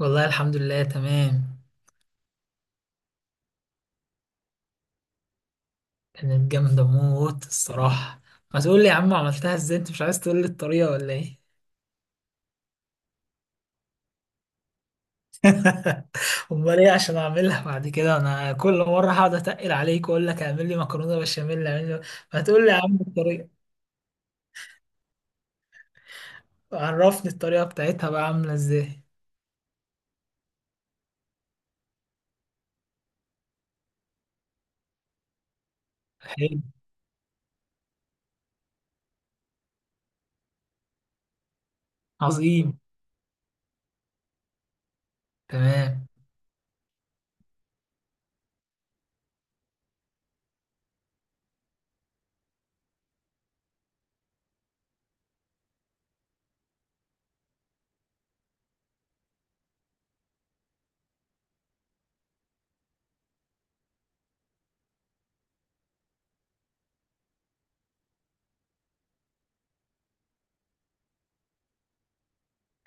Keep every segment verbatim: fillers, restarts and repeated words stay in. والله الحمد لله تمام. كانت جامدة موت الصراحة. ما تقول لي يا عم، عملتها ازاي؟ انت مش عايز تقول لي الطريقة ولا ايه؟ امال ايه عشان اعملها بعد كده؟ انا كل مرة هقعد اتقل عليك واقول لك اعمل لي مكرونة بشاميل اعمل لي. ما تقول لي يا عم الطريقة. عرفني الطريقة بتاعتها بقى عاملة ازاي. حلو. عظيم. تمام.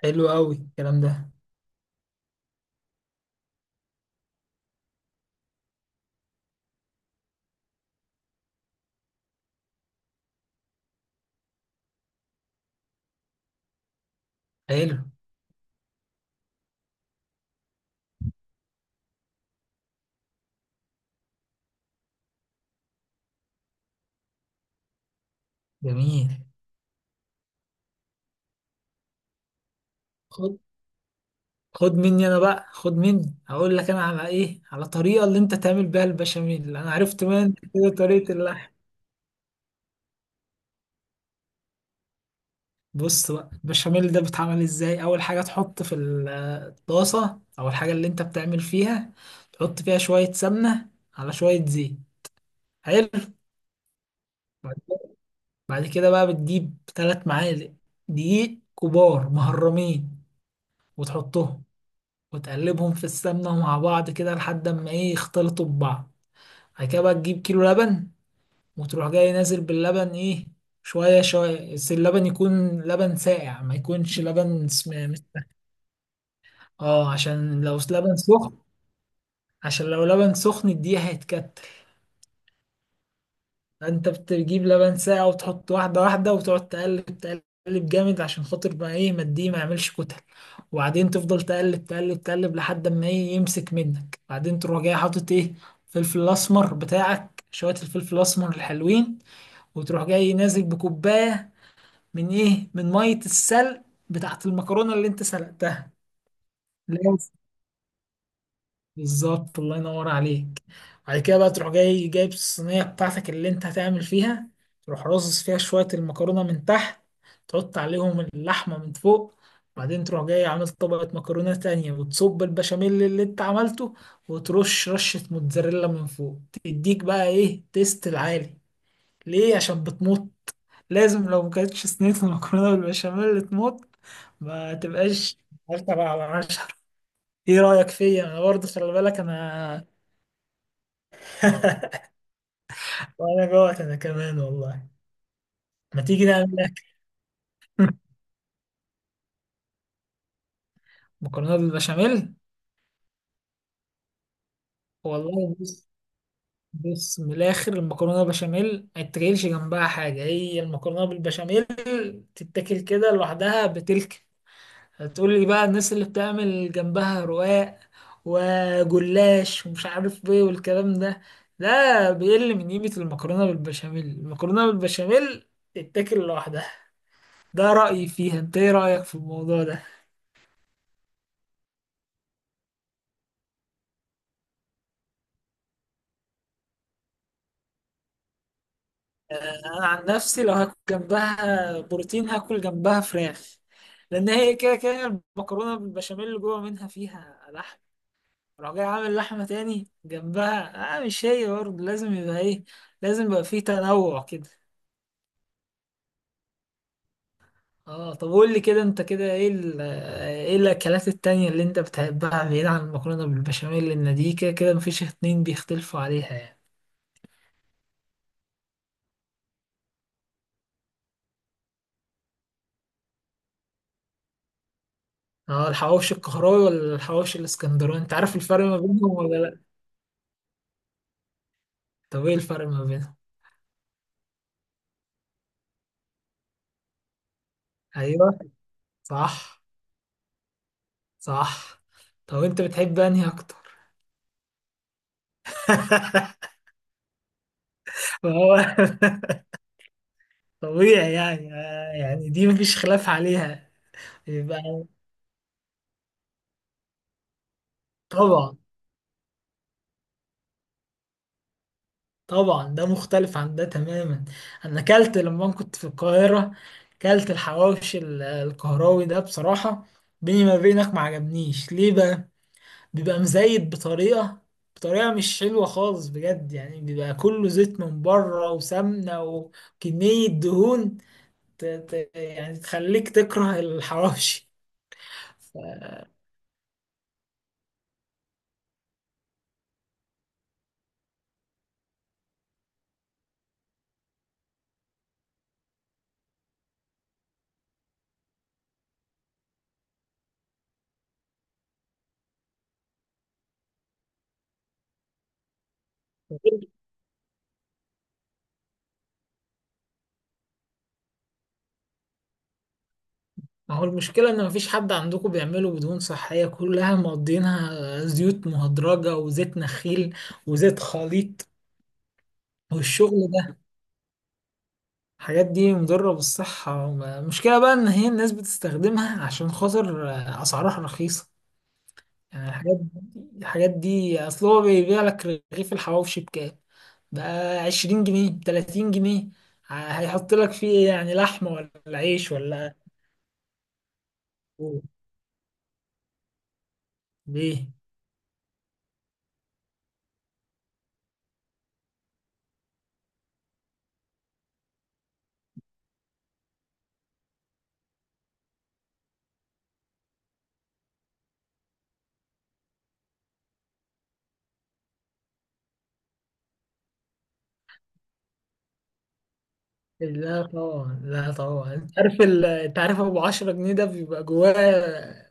حلو قوي الكلام ده. حلو. جميل. خد، خد مني انا بقى، خد مني. هقول لك انا على ايه، على طريقه اللي انت تعمل بيها البشاميل. انا عرفت منك كده طريقه اللحم. بص بقى، البشاميل ده بيتعمل ازاي. اول حاجه تحط في الطاسه او الحاجه اللي انت بتعمل فيها، تحط فيها شويه سمنه على شويه زيت. حلو. بعد كده بعد كده بقى بتجيب ثلاث معالق دقيق كبار مهرمين وتحطهم، وتقلبهم في السمنه مع بعض كده لحد ما ايه، يختلطوا ببعض. بعد كده بقى تجيب كيلو لبن، وتروح جاي نازل باللبن ايه، شوية شوية. بس اللبن يكون لبن ساقع، ما يكونش لبن سم... اه، عشان لو لبن سخن. عشان لو لبن سخن الدقيق هيتكتل. فانت بتجيب لبن ساقع وتحط واحدة واحدة، وتقعد تقلب تقلب جامد عشان خاطر ما ايه، ما الدقيق ما يعملش كتل. وبعدين تفضل تقلب تقلب تقلب لحد ما ايه، يمسك منك. بعدين تروح جاي حاطط ايه، الفلفل الاسمر بتاعك، شوية الفلفل الاسمر الحلوين. وتروح جاي نازل بكوباية من ايه، من ميه السلق بتاعت المكرونه اللي انت سلقتها. لازم. بالظبط، الله ينور عليك. بعد كده بقى تروح جاي جايب الصينيه بتاعتك اللي انت هتعمل فيها، تروح رصص فيها شويه المكرونه من تحت، تحط عليهم اللحمه من فوق، بعدين تروح جاي عامل طبقة مكرونة تانية وتصب البشاميل اللي انت عملته، وترش رشة موتزاريلا من فوق. تديك بقى ايه، تيست العالي. ليه؟ عشان بتمط. لازم، لو ما كانتش صينية المكرونة بالبشاميل اللي تموت ما تبقاش. عشرة على عشرة. ايه رأيك فيا انا برضه؟ خلي بالك انا. وانا جوعت انا كمان والله. ما تيجي نعمل اكل؟ مكرونة بالبشاميل. والله بص، بص من الاخر، المكرونة بالبشاميل ما تتاكلش جنبها حاجة، هي المكرونة بالبشاميل تتاكل كده لوحدها بتلك. هتقول لي بقى الناس اللي بتعمل جنبها رقاق وجلاش ومش عارف ايه والكلام ده، ده بيقل من قيمة المكرونة بالبشاميل. المكرونة بالبشاميل تتاكل لوحدها. ده رأيي فيها، انت ايه رأيك في الموضوع ده؟ انا عن نفسي لو هاكل جنبها بروتين هاكل جنبها فراخ، لان هي كده كده المكرونة بالبشاميل اللي جوه منها فيها لحم. راح جاي عامل لحمة تاني جنبها؟ اه مش هي برضه. لازم يبقى ايه، لازم يبقى فيه تنوع كده. اه، طب قول لي كده انت كده ايه ال- ايه الاكلات التانية اللي انت بتحبها بعيد عن المكرونة بالبشاميل؟ لان دي كده كده مفيش اتنين بيختلفوا عليها يعني. اه، الحواوشي القهراوي ولا الحواوشي الاسكندراني؟ انت عارف الفرق ما بينهم ولا لا؟ طب ايه الفرق ما بينهم؟ ايوه. صح. صح. طب انت بتحب انهي اكتر؟ ما هو طبيعي يعني. آه، يعني دي مفيش خلاف عليها. يبقى. طبعا. طبعا ده مختلف عن ده تماما. انا اكلت لما كنت في القاهره، اكلت الحواوشي ال- القهراوي ده. بصراحه، بيني ما بينك، ما عجبنيش. ليه بقى؟ بيبقى مزيت بطريقه، بطريقه مش حلوه خالص بجد يعني. بيبقى كله زيت من بره وسمنه وكميه دهون. ت... ت... يعني تخليك تكره الحواوشي. ما هو المشكلة إن مفيش حد عندكم بيعملوا بدهون صحية، كلها مقضينها زيوت مهدرجة وزيت نخيل وزيت خليط والشغل ده. الحاجات دي مضرة بالصحة. وما- المشكلة بقى إن هي الناس بتستخدمها عشان خاطر آه، أسعارها رخيصة. يعني الحاجات دي، الحاجات دي أصل هو بيبيع لك رغيف الحواوشي بكام؟ بقى عشرين جنيه بتلاتين جنيه. ع- هيحط لك فيه إيه يعني؟ لحمة ولا عيش ولا لحوم؟ ليه؟ لا طبعا، لا طبعا. انت عارف ال- انت عارف ابو عشرة جنيه ده بيبقى جواه،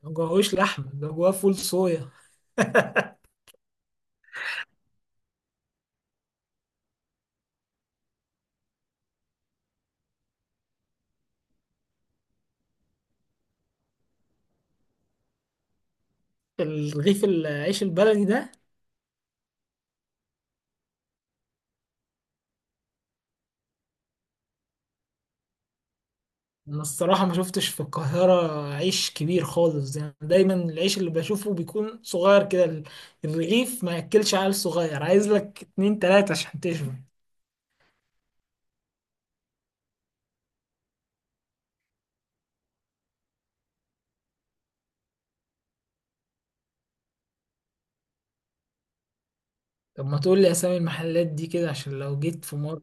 ما جواهوش لحمة، بيبقى جواه فول صويا. الرغيف العيش البلدي ده، انا الصراحة ما شفتش في القاهرة عيش كبير خالص. يعني دايما العيش اللي بشوفه بيكون صغير كده، ال- الرغيف ما ياكلش عيل صغير، عايز لك اتنين تلاتة عشان تشبع. طب ما تقول لي اسامي المحلات دي كده عشان لو جيت في مرة.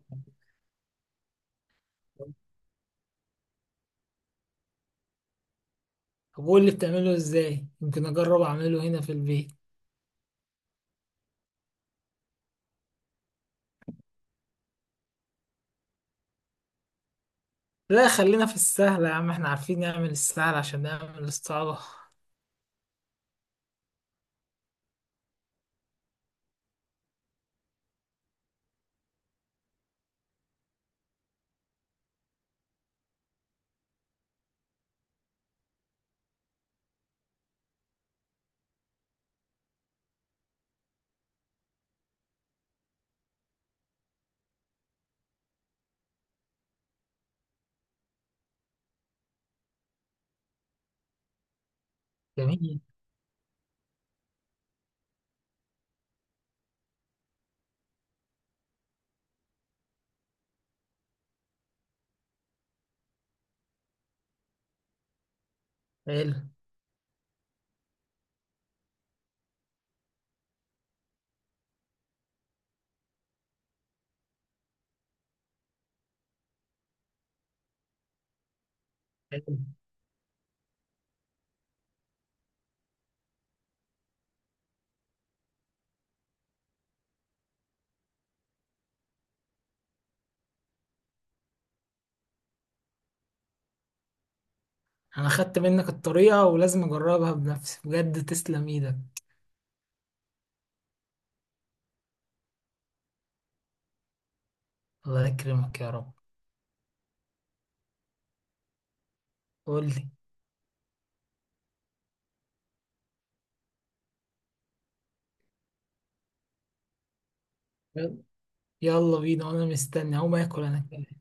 طب قول لي بتعمله ازاي، يمكن اجرب اعمله هنا في البيت. لا، خلينا في السهل يا عم، احنا عارفين نعمل السهل عشان نعمل الصعبة. جميل. حلو. حلو. انا خدت منك الطريقة ولازم اجربها بنفسي، بجد تسلم ايدك. الله يكرمك يا رب. قول لي. يلا بينا، وانا مستني هقوم اكل انا كمان.